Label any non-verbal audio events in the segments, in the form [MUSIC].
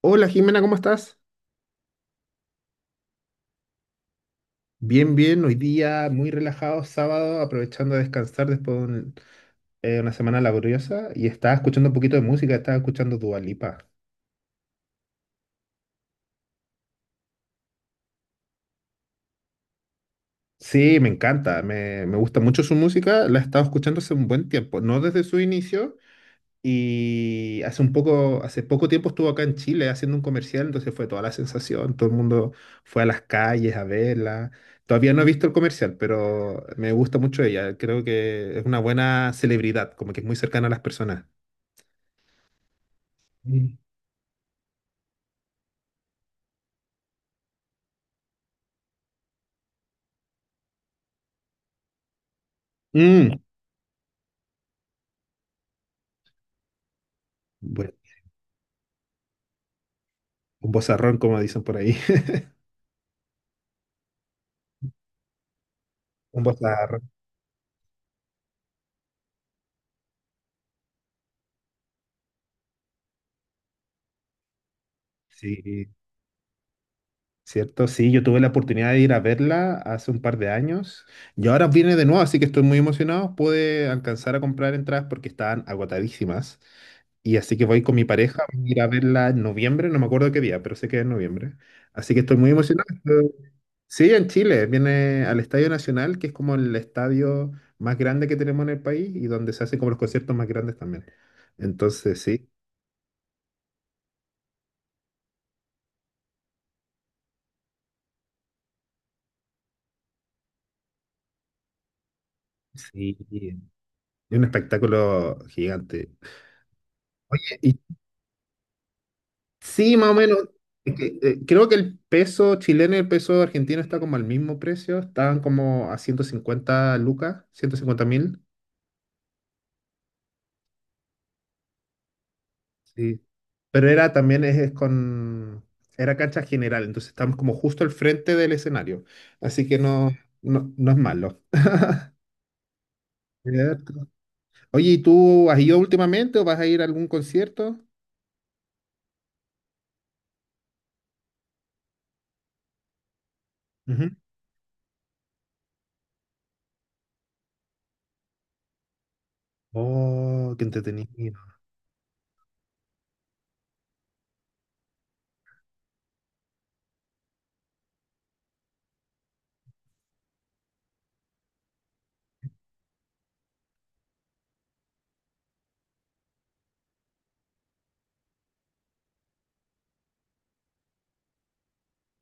Hola Jimena, ¿cómo estás? Bien, bien, hoy día muy relajado, sábado, aprovechando a descansar después de una semana laboriosa y estaba escuchando un poquito de música, estaba escuchando Dua Lipa. Sí, me encanta, me gusta mucho su música, la he estado escuchando hace un buen tiempo, no desde su inicio. Y hace poco tiempo estuvo acá en Chile haciendo un comercial, entonces fue toda la sensación, todo el mundo fue a las calles a verla. Todavía no he visto el comercial, pero me gusta mucho ella. Creo que es una buena celebridad, como que es muy cercana a las personas. Mm. Mm, Bueno, un vozarrón, como dicen por ahí. [LAUGHS] Un vozarrón. Sí. ¿Cierto? Sí, yo tuve la oportunidad de ir a verla hace un par de años y ahora viene de nuevo, así que estoy muy emocionado. Pude alcanzar a comprar entradas porque estaban agotadísimas y así que voy con mi pareja a ir a verla en noviembre, no me acuerdo qué día, pero sé que es en noviembre. Así que estoy muy emocionado. Sí, en Chile, viene al Estadio Nacional, que es como el estadio más grande que tenemos en el país y donde se hacen como los conciertos más grandes también. Entonces, sí. Sí, es un espectáculo gigante. ¿Y Sí, más o menos. Es que, creo que el peso chileno y el peso argentino está como al mismo precio. Estaban como a 150 lucas, 150.000. Sí. Pero era también es con. Era cancha general, entonces estamos como justo al frente del escenario. Así que no, no, no es malo. Cierto. Oye, ¿y tú has ido últimamente o vas a ir a algún concierto? Ujú. Oh, qué entretenido.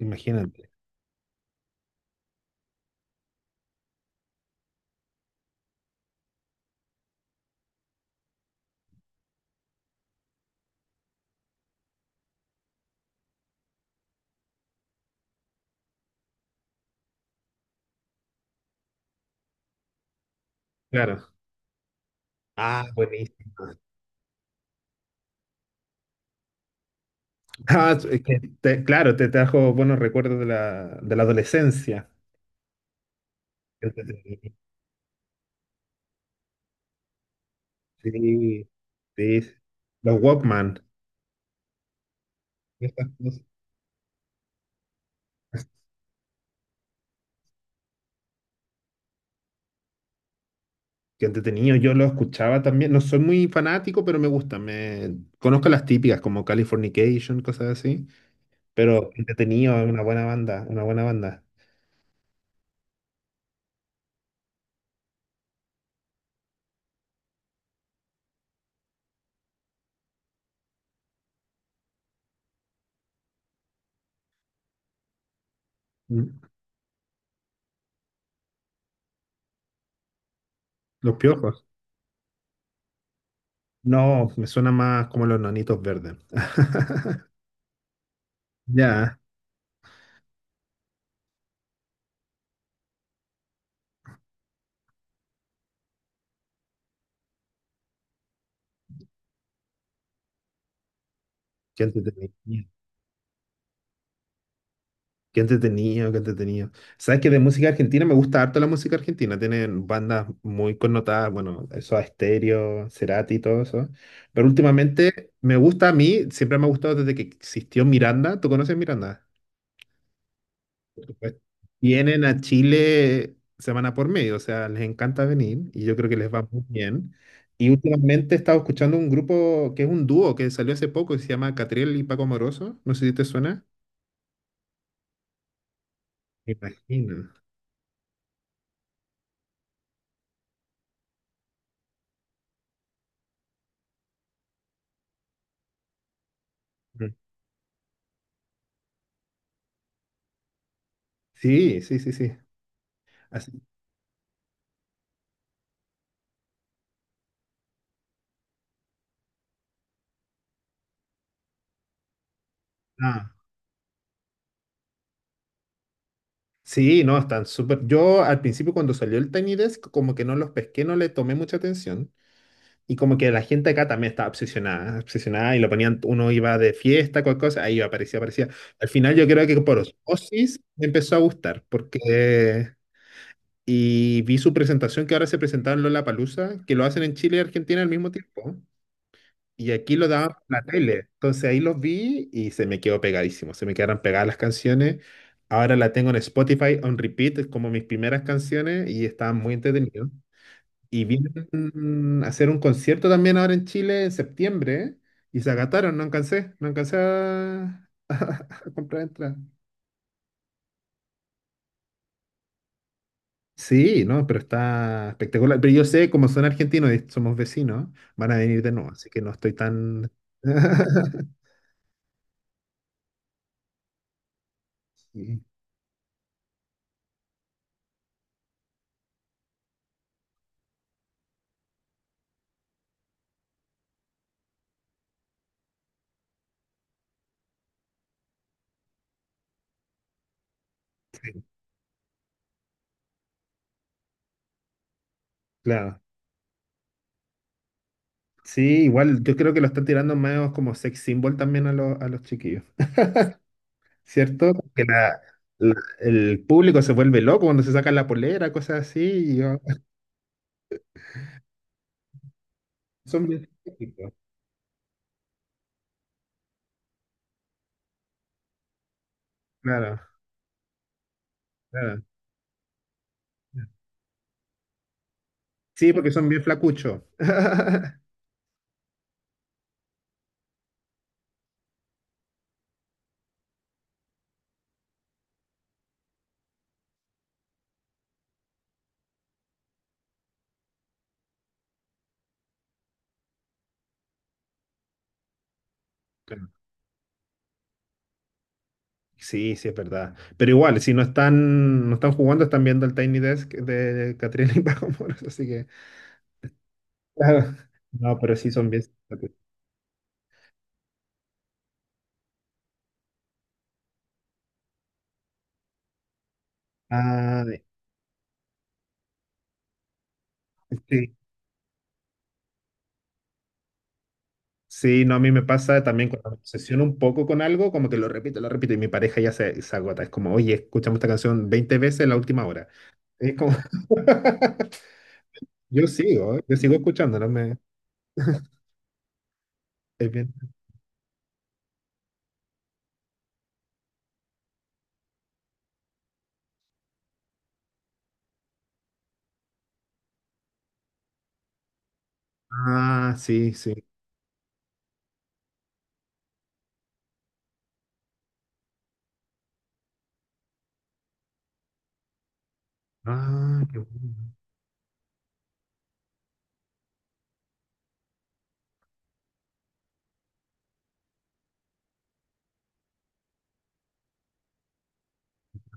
Imagínate. Claro. Ah, buenísimo. Ah, es que claro, te trajo buenos recuerdos de la adolescencia. Sí, sí, sí. Los Walkman. Estas cosas. Qué entretenido, yo lo escuchaba también. No soy muy fanático, pero me gusta. Conozco las típicas como Californication, cosas así. Pero entretenido, es una buena banda, una buena banda. Mm. Los Piojos. No, me suena más como los Nanitos Verdes. [LAUGHS] Ya, qué entretenido. Qué entretenido, qué entretenido. Sabes que de música argentina me gusta harto la música argentina. Tienen bandas muy connotadas, bueno, eso Estéreo, Cerati y todo eso. Pero últimamente me gusta a mí, siempre me ha gustado desde que existió Miranda. ¿Tú conoces Miranda? Por supuesto. Vienen a Chile semana por medio, o sea, les encanta venir y yo creo que les va muy bien. Y últimamente he estado escuchando un grupo que es un dúo que salió hace poco que se llama Catriel y Paco Amoroso. No sé si te suena. Me imagino. Mm. Sí, sí, sí, sí. Así- ah, sí, no, están súper. Yo al principio cuando salió el Tiny Desk, como que no los pesqué, no le tomé mucha atención. Y como que la gente acá también estaba obsesionada, obsesionada y lo ponían, uno iba de fiesta, cualquier cosa, ahí iba, aparecía, aparecía. Al final yo creo que por osmosis me empezó a gustar, porque. Y vi su presentación que ahora se presentaba en Lollapalooza, que lo hacen en Chile y Argentina al mismo tiempo. Y aquí lo daban por la tele. Entonces ahí los vi y se me quedó pegadísimo. Se me quedaron pegadas las canciones. Ahora la tengo en Spotify on repeat, es como mis primeras canciones y estaban muy entretenidos. Y vienen a hacer un concierto también ahora en Chile en septiembre y se agataron. No no alcancé a, [LAUGHS] a comprar entradas. Sí, no, pero está espectacular. Pero yo sé, como son argentinos y somos vecinos, van a venir de nuevo, así que no estoy tan. [LAUGHS] Sí, claro. Sí, igual, yo creo que lo están tirando más como sex symbol también a los chiquillos, ¿cierto? Que la- el público se vuelve loco cuando se sacan la polera, cosas así. [LAUGHS] Son bien flaquitos, claro, claro. Sí, porque son bien flacuchos. [LAUGHS] Claro. Sí, sí, es verdad. Pero igual, si no están jugando, están viendo el Tiny Desk de Catriel y [LAUGHS] Paco Moros, así que. Claro. No, pero sí son bien simpáticos. Ah, sí. Sí, no, a mí me pasa también cuando me obsesiono un poco con algo, como que lo repito, y mi pareja ya se agota. Es como, oye, escuchamos esta canción 20 veces en la última hora. Es como, [LAUGHS] yo sigo, ¿eh? Yo sigo escuchando, no me. Es bien. Ah, sí, sí. Ah, qué bueno.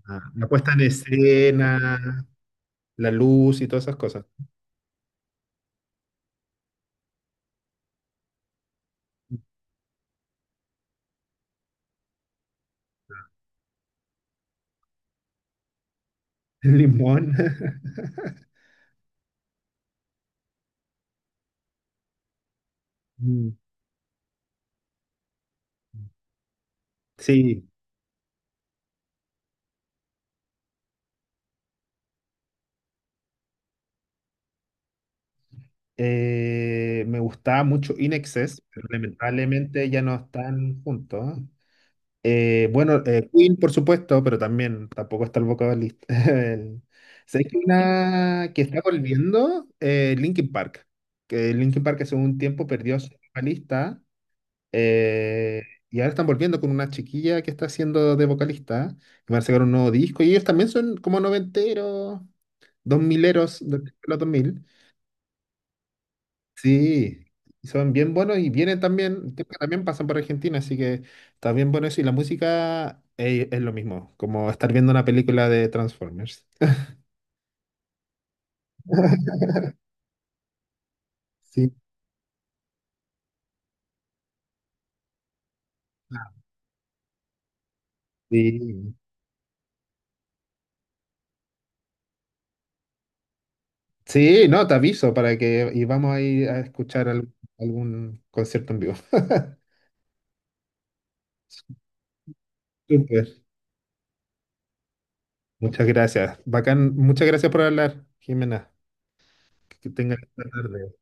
Ah, la puesta en escena, la luz y todas esas cosas. [LAUGHS] El limón. [LAUGHS] Mm, Sí, me gustaba mucho In Excess, pero lamentablemente ya no están juntos. Bueno, Queen, por supuesto, pero también tampoco está el vocalista. [LAUGHS] El- ¿Sabes que una que está volviendo? Linkin Park. Que Linkin Park hace un tiempo perdió a su vocalista eh, y ahora están volviendo con una chiquilla que está haciendo de vocalista. Y van a sacar un nuevo disco y ellos también son como noventeros, dos mileros, de los dos mil. Sí, y son bien buenos y vienen también, creo que también pasan por Argentina, así que está bien bueno eso. Y la música es, lo mismo, como estar viendo una película de Transformers. Sí. Sí, sí, no, te aviso para que y vamos a ir a escuchar algún concierto en vivo. [LAUGHS] Súper. Muchas gracias. Bacán, muchas gracias por hablar, Jimena. Que tengas esta tarde.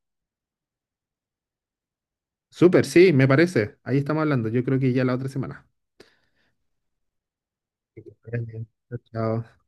Súper, sí, me parece. Ahí estamos hablando. Yo creo que ya la otra semana. Que te vaya bien. Chao, chao.